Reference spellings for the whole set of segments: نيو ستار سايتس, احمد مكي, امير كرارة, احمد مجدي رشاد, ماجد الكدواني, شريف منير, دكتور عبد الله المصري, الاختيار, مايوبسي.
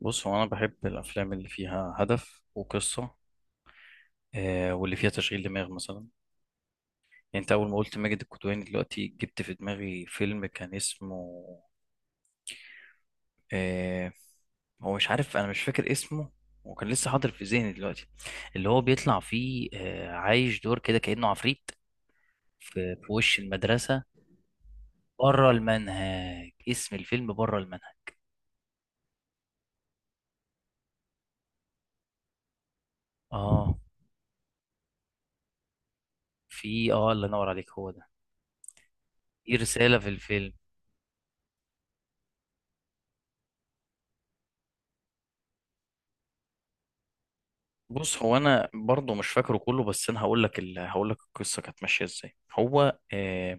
بص، هو انا بحب الافلام اللي فيها هدف وقصه. واللي فيها تشغيل دماغ مثلا. يعني انت اول ما قلت ماجد الكدواني دلوقتي جبت في دماغي فيلم كان اسمه، آه، هو مش عارف، انا مش فاكر اسمه وكان لسه حاضر في ذهني دلوقتي. اللي هو بيطلع فيه، آه، عايش دور كده كانه عفريت في وش المدرسه. بره المنهج، اسم الفيلم بره المنهج. اه، في اه، الله ينور عليك، هو ده. في رساله في الفيلم. بص، هو انا برضه مش فاكره كله، بس انا هقول لك هقول لك القصه كانت ماشيه ازاي. هو آه،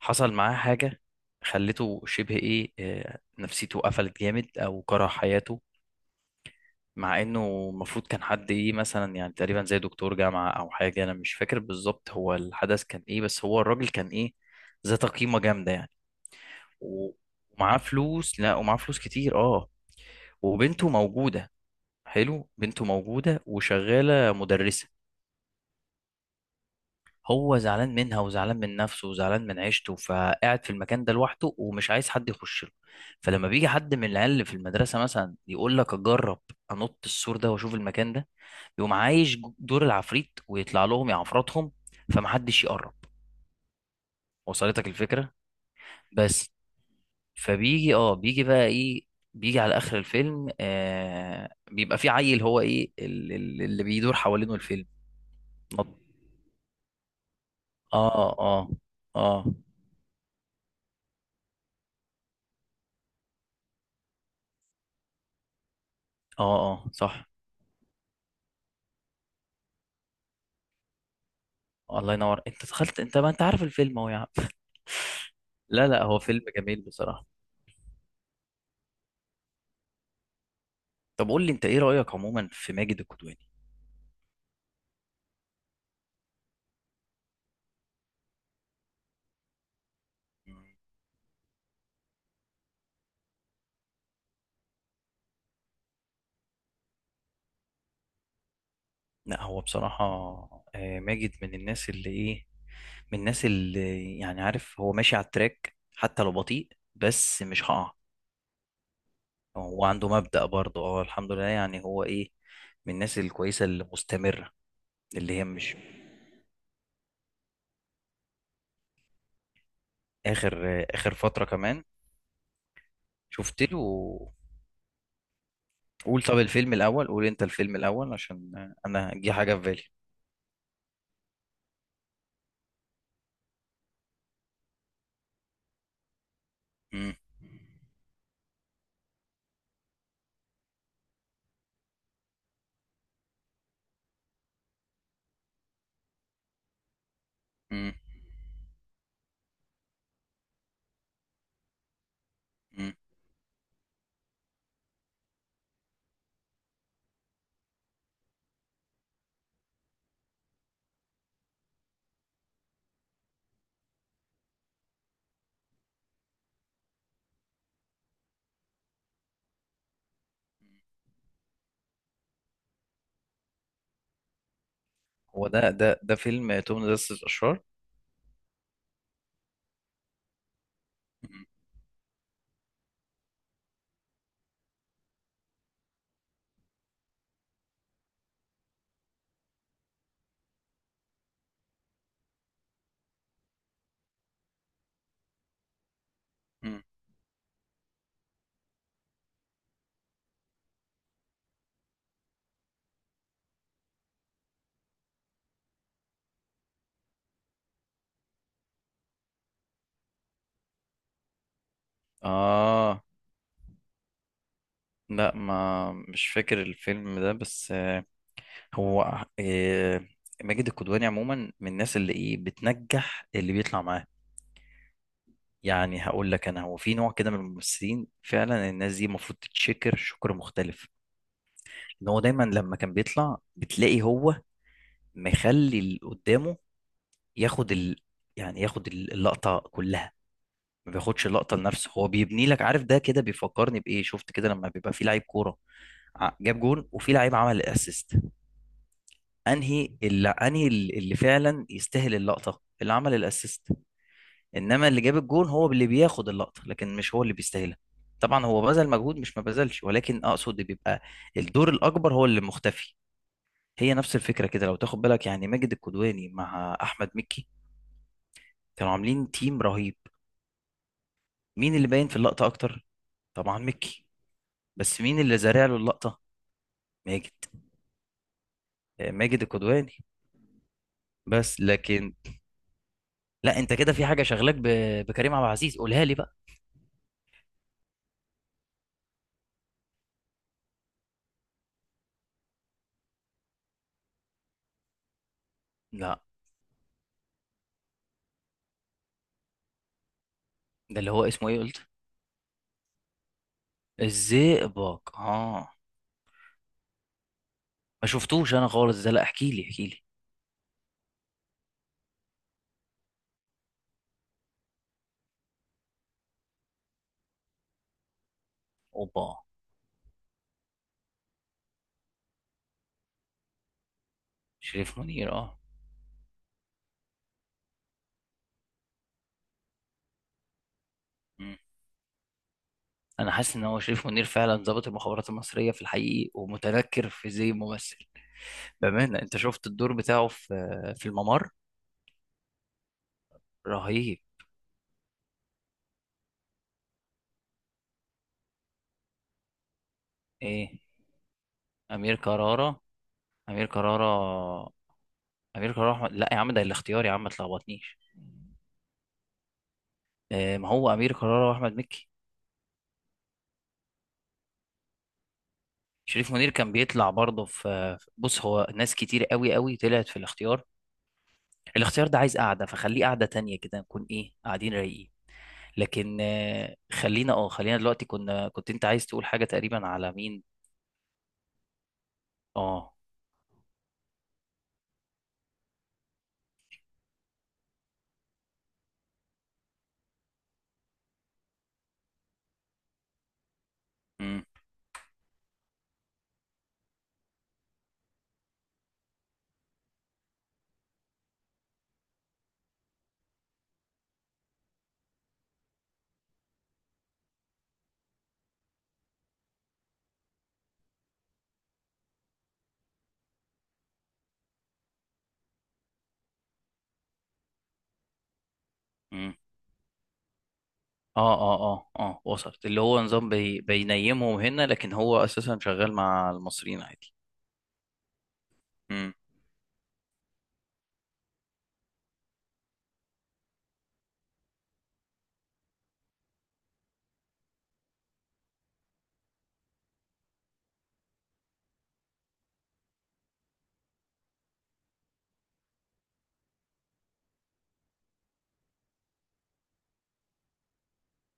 حصل معاه حاجه خلته شبه ايه، نفسيته قفلت جامد او كره حياته. مع انه المفروض كان حد ايه مثلا، يعني تقريبا زي دكتور جامعه او حاجه، انا مش فاكر بالظبط هو الحدث كان ايه، بس هو الراجل كان ايه، ذات قيمه جامده يعني. و- ومعاه فلوس. لا، ومعاه فلوس كتير، اه. وبنته موجوده. حلو، بنته موجوده وشغاله مدرسه. هو زعلان منها وزعلان من نفسه وزعلان من عيشته، فقاعد في المكان ده لوحده ومش عايز حد يخش له. فلما بيجي حد من العيال اللي في المدرسه مثلا يقول لك اجرب، انط السور ده واشوف المكان ده، يقوم عايش دور العفريت ويطلع لهم يعفرتهم. فمحدش يقرب. وصلتك الفكره؟ بس. فبيجي اه بيجي بقى ايه، بيجي على اخر الفيلم. آه، بيبقى في عيل هو ايه اللي بيدور حوالينه الفيلم. اه، اه، اه، اه، اه، صح. الله ينور، انت دخلت، انت ما انت عارف الفيلم اهو يا عم. لا، لا، هو فيلم جميل بصراحة. طب قول لي انت، ايه رأيك عموما في ماجد الكدواني؟ مم. لا، هو بصراحة، آه، ماجد من الناس اللي يعني عارف هو ماشي على التراك حتى لو بطيء. بس مش هقع. هو عنده مبدأ برضه، اه، الحمد لله، يعني هو ايه، من الناس الكويسة اللي مستمرة. اللي هي مش اخر، آه، اخر فترة كمان شفت له. قول، طب الفيلم الاول، قول انت الفيلم الاول عشان انا جه حاجة في بالي. مم. مم. مم. هو ده فيلم توم مدرسة الأشرار؟ مم. مم. آه، لا، ما مش فاكر الفيلم ده، بس آه، هو آه، ماجد الكدواني عموما من الناس اللي إيه بتنجح، اللي بيطلع معاه. يعني هقول لك أنا، هو في نوع كده من الممثلين، فعلا الناس دي المفروض تتشكر شكر مختلف. إن هو دايما لما كان بيطلع بتلاقي هو مخلي اللي قدامه ياخد يعني ياخد اللقطة كلها. ما بياخدش اللقطه لنفسه، هو بيبني لك، عارف ده كده بيفكرني بايه، شفت كده لما بيبقى في لعيب كوره، جاب جون وفي لعيب عمل اسيست، انهي اللي اللي فعلا يستاهل اللقطه، اللي عمل الاسيست. انما اللي جاب الجون هو اللي بياخد اللقطه، لكن مش هو اللي بيستاهلها. طبعا هو بذل مجهود، مش ما بذلش، ولكن اقصد بيبقى الدور الاكبر هو اللي مختفي. هي نفس الفكره كده لو تاخد بالك، يعني ماجد الكدواني مع احمد مكي كانوا عاملين تيم رهيب. مين اللي باين في اللقطه اكتر؟ طبعا مكي. بس مين اللي زارع له اللقطه؟ ماجد. آه، ماجد الكدواني. بس، لكن لا، انت كده في حاجه شغلك بكريم عبد العزيز، قولها لي بقى. لا، ده اللي هو اسمه ايه قلت؟ الزئبق، اه. ما شفتوش انا خالص ده، لا احكي لي، احكي لي. اوبا! شريف منير، اه. مم. انا حاسس ان هو شريف منير فعلا ظابط المخابرات المصريه في الحقيقي ومتنكر في زي ممثل. بامانه، انت شفت الدور بتاعه في الممر؟ رهيب. ايه؟ امير كرارة. امير كرارة. امير كرارة واحمد، لا يا عم، ده الاختيار يا عم، ما تلخبطنيش. ما هو امير كرارة واحمد مكي. شريف منير كان بيطلع برضه بص، هو ناس كتير قوي قوي طلعت في الاختيار. الاختيار ده عايز قعده، فخليه قعده تانية كده نكون ايه قاعدين رايقين. لكن خلينا دلوقتي، كنت انت عايز تقول حاجه تقريبا على مين؟ اه. امم. امم. اه، اه، اه، اه، وصلت. اللي هو نظام بي بينيمهم هنا، لكن هو اساسا شغال مع المصريين عادي. امم.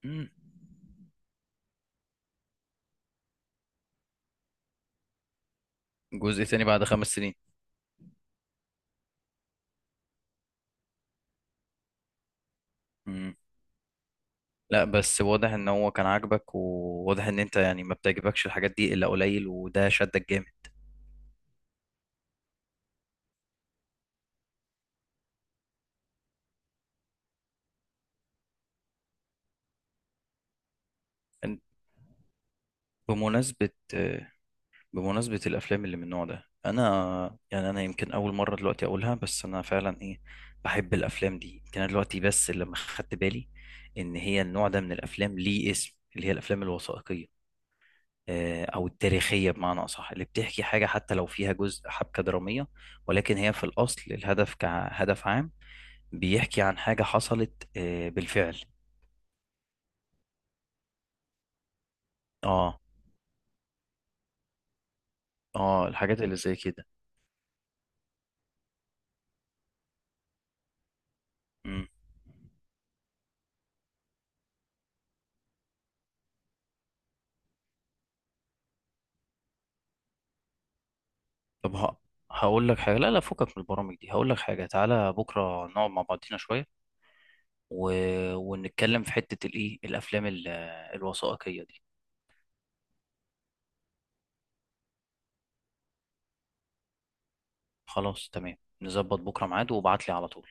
امم. جزء تاني بعد 5 سنين؟ لا، بس واضح ان هو كان عاجبك، وواضح ان انت يعني ما بتعجبكش الحاجات دي الا قليل، وده شدك جامد. أن- بمناسبة بمناسبة الافلام اللي من النوع ده، انا يعني انا يمكن اول مرة دلوقتي اقولها، بس انا فعلا ايه، بحب الافلام دي. يمكن انا دلوقتي بس لما خدت بالي ان هي النوع ده من الافلام ليه اسم، اللي هي الافلام الوثائقية، او التاريخية بمعنى اصح، اللي بتحكي حاجة حتى لو فيها جزء حبكة درامية، ولكن هي في الاصل الهدف كهدف عام بيحكي عن حاجة حصلت بالفعل. اه، اه، الحاجات اللي زي كده. مم. طب هقول لك حاجة. لا، لا، فكك من البرامج دي، هقول لك حاجة: تعالى بكرة نقعد مع بعضينا شوية و... ونتكلم في حتة الايه، الافلام الوثائقية دي. خلاص، تمام. نظبط بكرة ميعاد وابعت لي على طول.